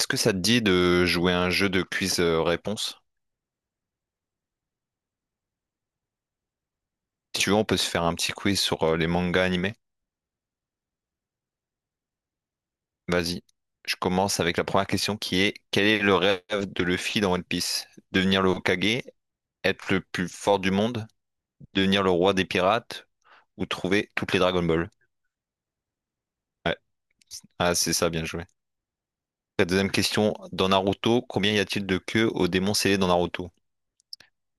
Est-ce que ça te dit de jouer à un jeu de quiz réponse? Si tu veux, on peut se faire un petit quiz sur les mangas animés. Vas-y. Je commence avec la première question qui est quel est le rêve de Luffy dans One Piece? Devenir le Hokage, être le plus fort du monde, devenir le roi des pirates ou trouver toutes les Dragon Ball? Ouais. Ah, c'est ça, bien joué. La deuxième question, dans Naruto, combien y a-t-il de queues au démon scellé dans Naruto?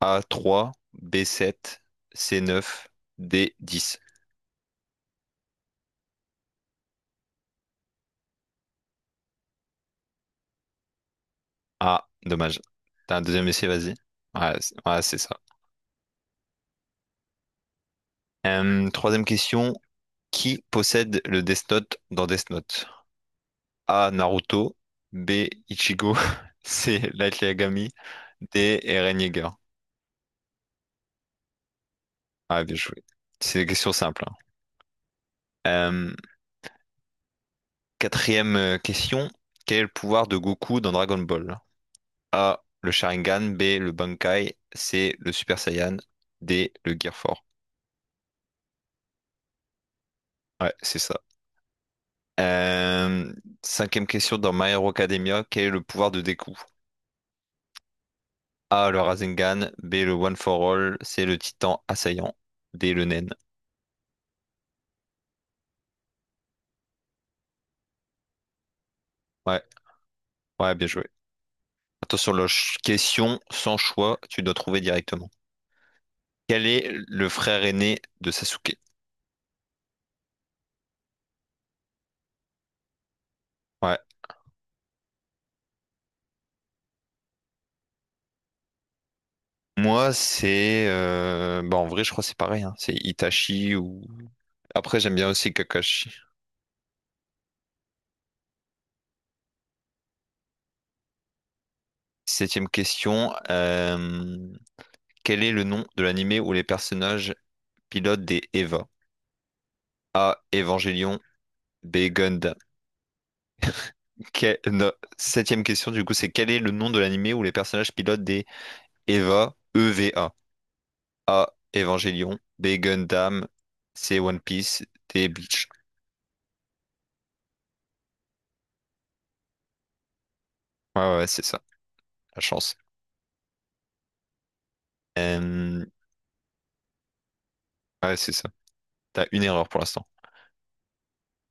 A trois, b sept, c neuf, d dix. Ah, dommage. T'as un deuxième essai, vas-y. Ouais, c'est ça. Troisième question. Qui possède le Death Note dans Death Note? A. Naruto. B. Ichigo. C. Light Yagami. D. Eren Yeager. Ah, bien joué. C'est des questions simples, hein. Euh, quatrième question. Quel est le pouvoir de Goku dans Dragon Ball? A. Le Sharingan. B. Le Bankai. C. Le Super Saiyan. D. Le Gear Four. Ouais, c'est ça. Euh, cinquième question dans My Hero Academia, quel est le pouvoir de Deku? A, le Rasengan, B, le One for All, C, le Titan assaillant, D, le Nen. Ouais, ouais, bien joué. Attention, la question sans choix, tu dois trouver directement. Quel est le frère aîné de Sasuke? Ouais. Moi, bah, en vrai, je crois que c'est pareil, hein. C'est Itachi ou... Après, j'aime bien aussi Kakashi. Septième question. Quel est le nom de l'anime où les personnages pilotent des EVA? A. Evangelion. B. Gundam. Non, septième question, du coup, c'est quel est le nom de l'anime où les personnages pilotent des EVA? A. Evangelion. B. Gundam. C. One Piece. D. Bleach. Ouais, ouais, ouais, c'est ça. La chance. Euh, Ouais, c'est ça. T'as une erreur pour l'instant.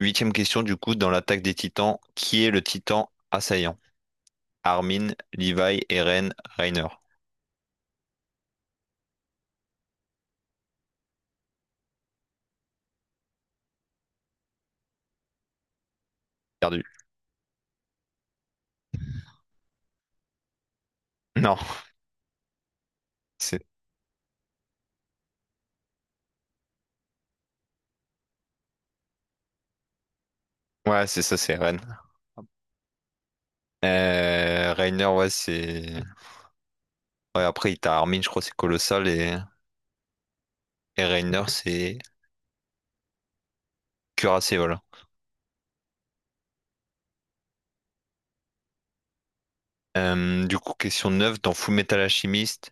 Huitième question, du coup, dans l'attaque des titans, qui est le titan assaillant? Armin, Levi, Eren, Reiner. Perdu. Non, c'est... Ouais, c'est ça, c'est Eren. Reiner, ouais, Ouais, après, t'as Armin, je crois, c'est colossal, et Reiner, c'est cuirassé, voilà. Du coup, question 9 dans Full Metal Alchemist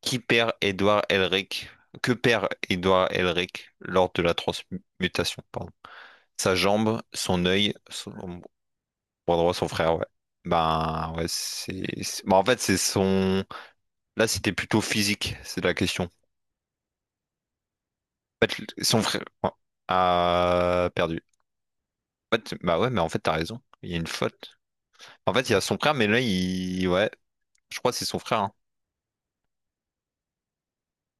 qui perd Edward Elric? Que perd Edward Elric lors de la transmutation, pardon? Sa jambe, son œil, bras droit, son frère, ouais. Ben, ouais, ben, en fait, c'est son... Là, c'était plutôt physique, c'est la question. En fait, son frère ouais, a perdu. En fait, bah ouais, mais en fait, t'as raison. Il y a une faute. En fait, il y a son frère, mais là, Ouais. Je crois que c'est son frère, hein.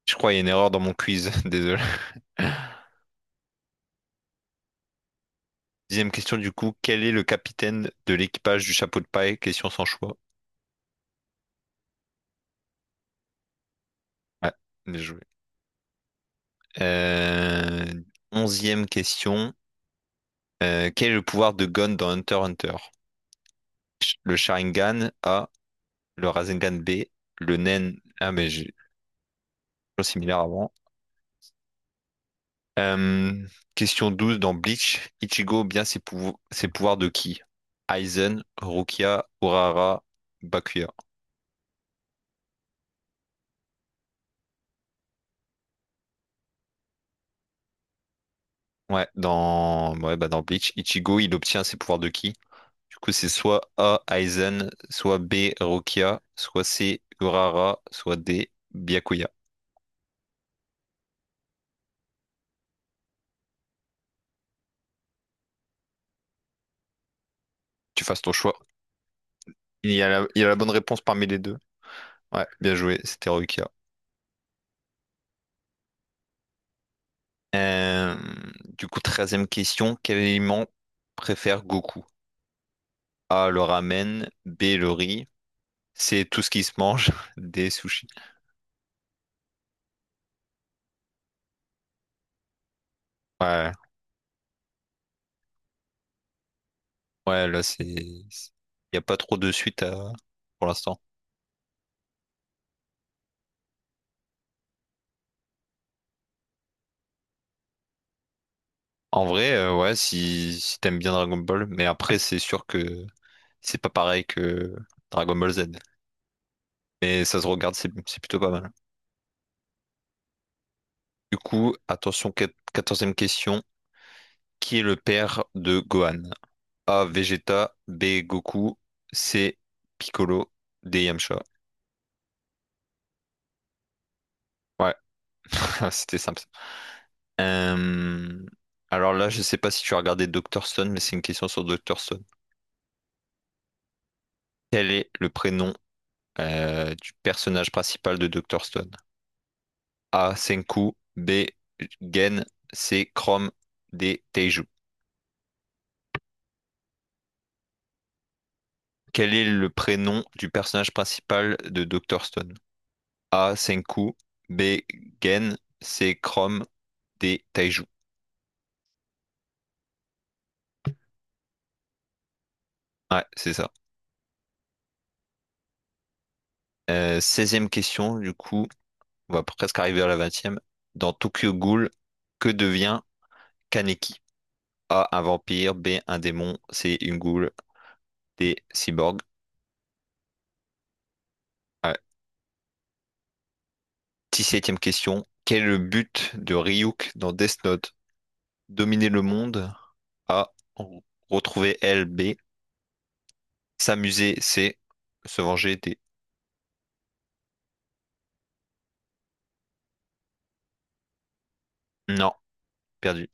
Je crois qu'il y a une erreur dans mon quiz, désolé. Dixième question du coup, quel est le capitaine de l'équipage du chapeau de paille? Question sans choix. Ouais, bien joué. Euh, Onzième question, quel est le pouvoir de Gon dans Hunter x Hunter? Le Sharingan A, le Rasengan B, le Nen... Ah mais j'ai chose similaire avant. Euh, Question 12 dans Bleach, Ichigo bien ses pouvoirs de qui? Aizen, Rukia, Urara, Bakuya. Ouais, bah dans Bleach, Ichigo, il obtient ses pouvoirs de qui? Du coup, c'est soit A, Aizen, soit B, Rokia, soit C, Urara, soit D, Byakuya. Tu fasses ton choix. Il y a la bonne réponse parmi les deux. Ouais, bien joué, c'était Rokia. Euh, du coup, treizième question, quel aliment préfère Goku? A, le ramen, B, le riz, C, tout ce qui se mange, D, sushi. Ouais, ouais, là, c'est... Il n'y a pas trop de suite à... pour l'instant. En vrai, ouais, si t'aimes bien Dragon Ball, mais après, c'est sûr que c'est pas pareil que Dragon Ball Z. Mais ça se regarde, c'est plutôt pas mal. Du coup, attention, quatorzième question. Qui est le père de Gohan? A. Vegeta, B. Goku, C. Piccolo, D. Yamcha. Ouais, c'était simple. Euh, Alors là, je sais pas si tu as regardé Doctor Stone, mais c'est une question sur Doctor Stone. Quel est le prénom du personnage principal de Doctor Stone? A. Senku. B. Gen. C. Chrome. D. Teiju. Quel est le prénom du personnage principal de Dr. Stone? A. Senku. B. Gen. C. Chrome. D. Taiju. Ouais, c'est ça. 16e question, du coup, on va presque arriver à la vingtième. Dans Tokyo Ghoul, que devient Kaneki? A. Un vampire. B. Un démon. C. Une ghoul. D. Cyborg. Ouais. Dix-septième question. Quel est le but de Ryuk dans Death Note? Dominer le monde. A. R- Retrouver L. B. S'amuser. C. Se venger. D. Non, perdu.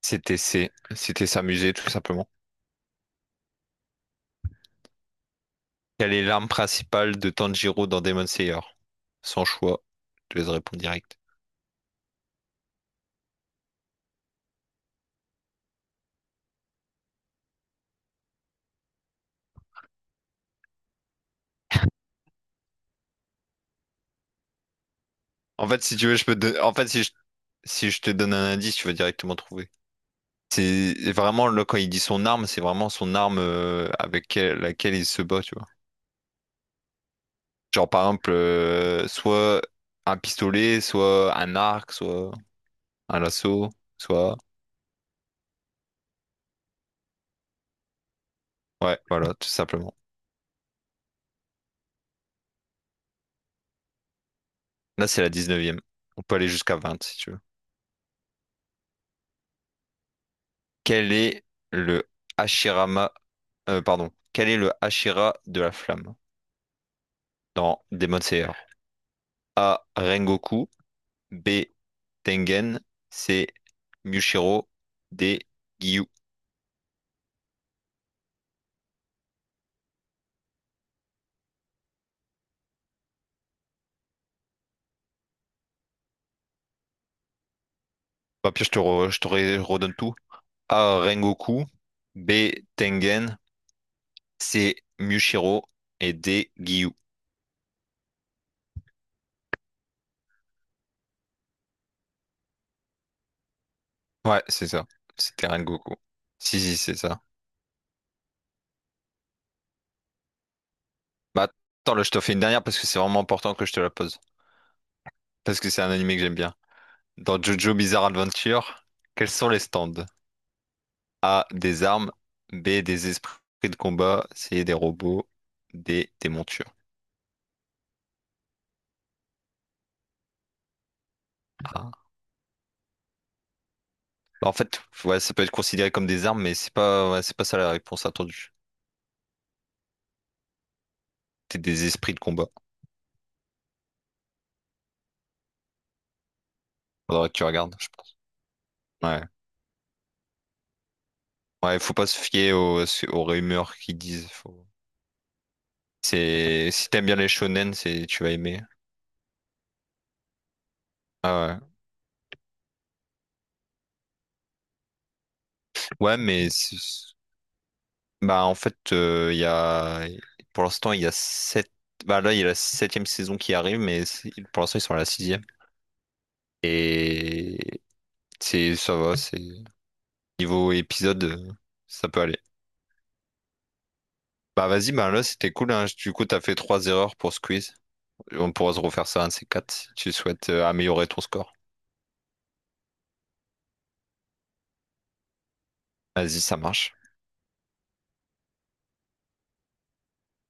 C'était C. C'était s'amuser, tout simplement. Quelle est l'arme principale de Tanjiro dans Demon Slayer? Sans choix. Je te laisse répondre direct. En fait, si tu veux, je peux te... don- en fait, si je... si je te donne un indice, tu vas directement trouver. C'est vraiment, là, quand il dit son arme, c'est vraiment son arme avec laquelle il se bat, tu vois. Genre, par exemple, soit un pistolet, soit un arc, soit... un lasso, soit... Ouais, voilà, tout simplement. Là, c'est la dix-neuvième. On peut aller jusqu'à vingt, si tu veux. Quel est le Hashirama... pardon. Quel est le Hashira de la flamme dans Demon Slayer? A. Rengoku. B. Tengen. C. Mushiro. D. Gyu. Bah, puis redonne tout. A. Rengoku. B. Tengen. C'est Mushiro et des Gyu. Ouais, c'est ça. C'était Rengoku. Si, si, c'est ça. Bah, attends, là, je te fais une dernière parce que c'est vraiment important que je te la pose. Parce que c'est un animé que j'aime bien. Dans Jojo Bizarre Adventure, quels sont les stands? A, des armes. B, des esprits de combat. C, des robots. D, des montures. Ah. Bah, en fait, ouais, ça peut être considéré comme des armes, mais c'est pas, ouais, c'est pas ça la réponse attendue. C'est des esprits de combat. Faudrait que tu regardes, je pense. Ouais. Ouais, faut pas se fier aux rumeurs qui disent. Faut... C'est si t'aimes bien les shonen, c'est tu vas aimer. Ah ouais. Ouais, mais bah en fait, il y a pour l'instant il y a sept. Bah là, il y a la septième saison qui arrive, mais pour l'instant ils sont à la sixième. Et c'est niveau épisode, ça peut aller. Bah vas-y, bah là c'était cool, hein. Du coup, t'as fait trois erreurs pour ce quiz. On pourra se refaire ça un de ces quatre si tu souhaites améliorer ton score. Vas-y, ça marche.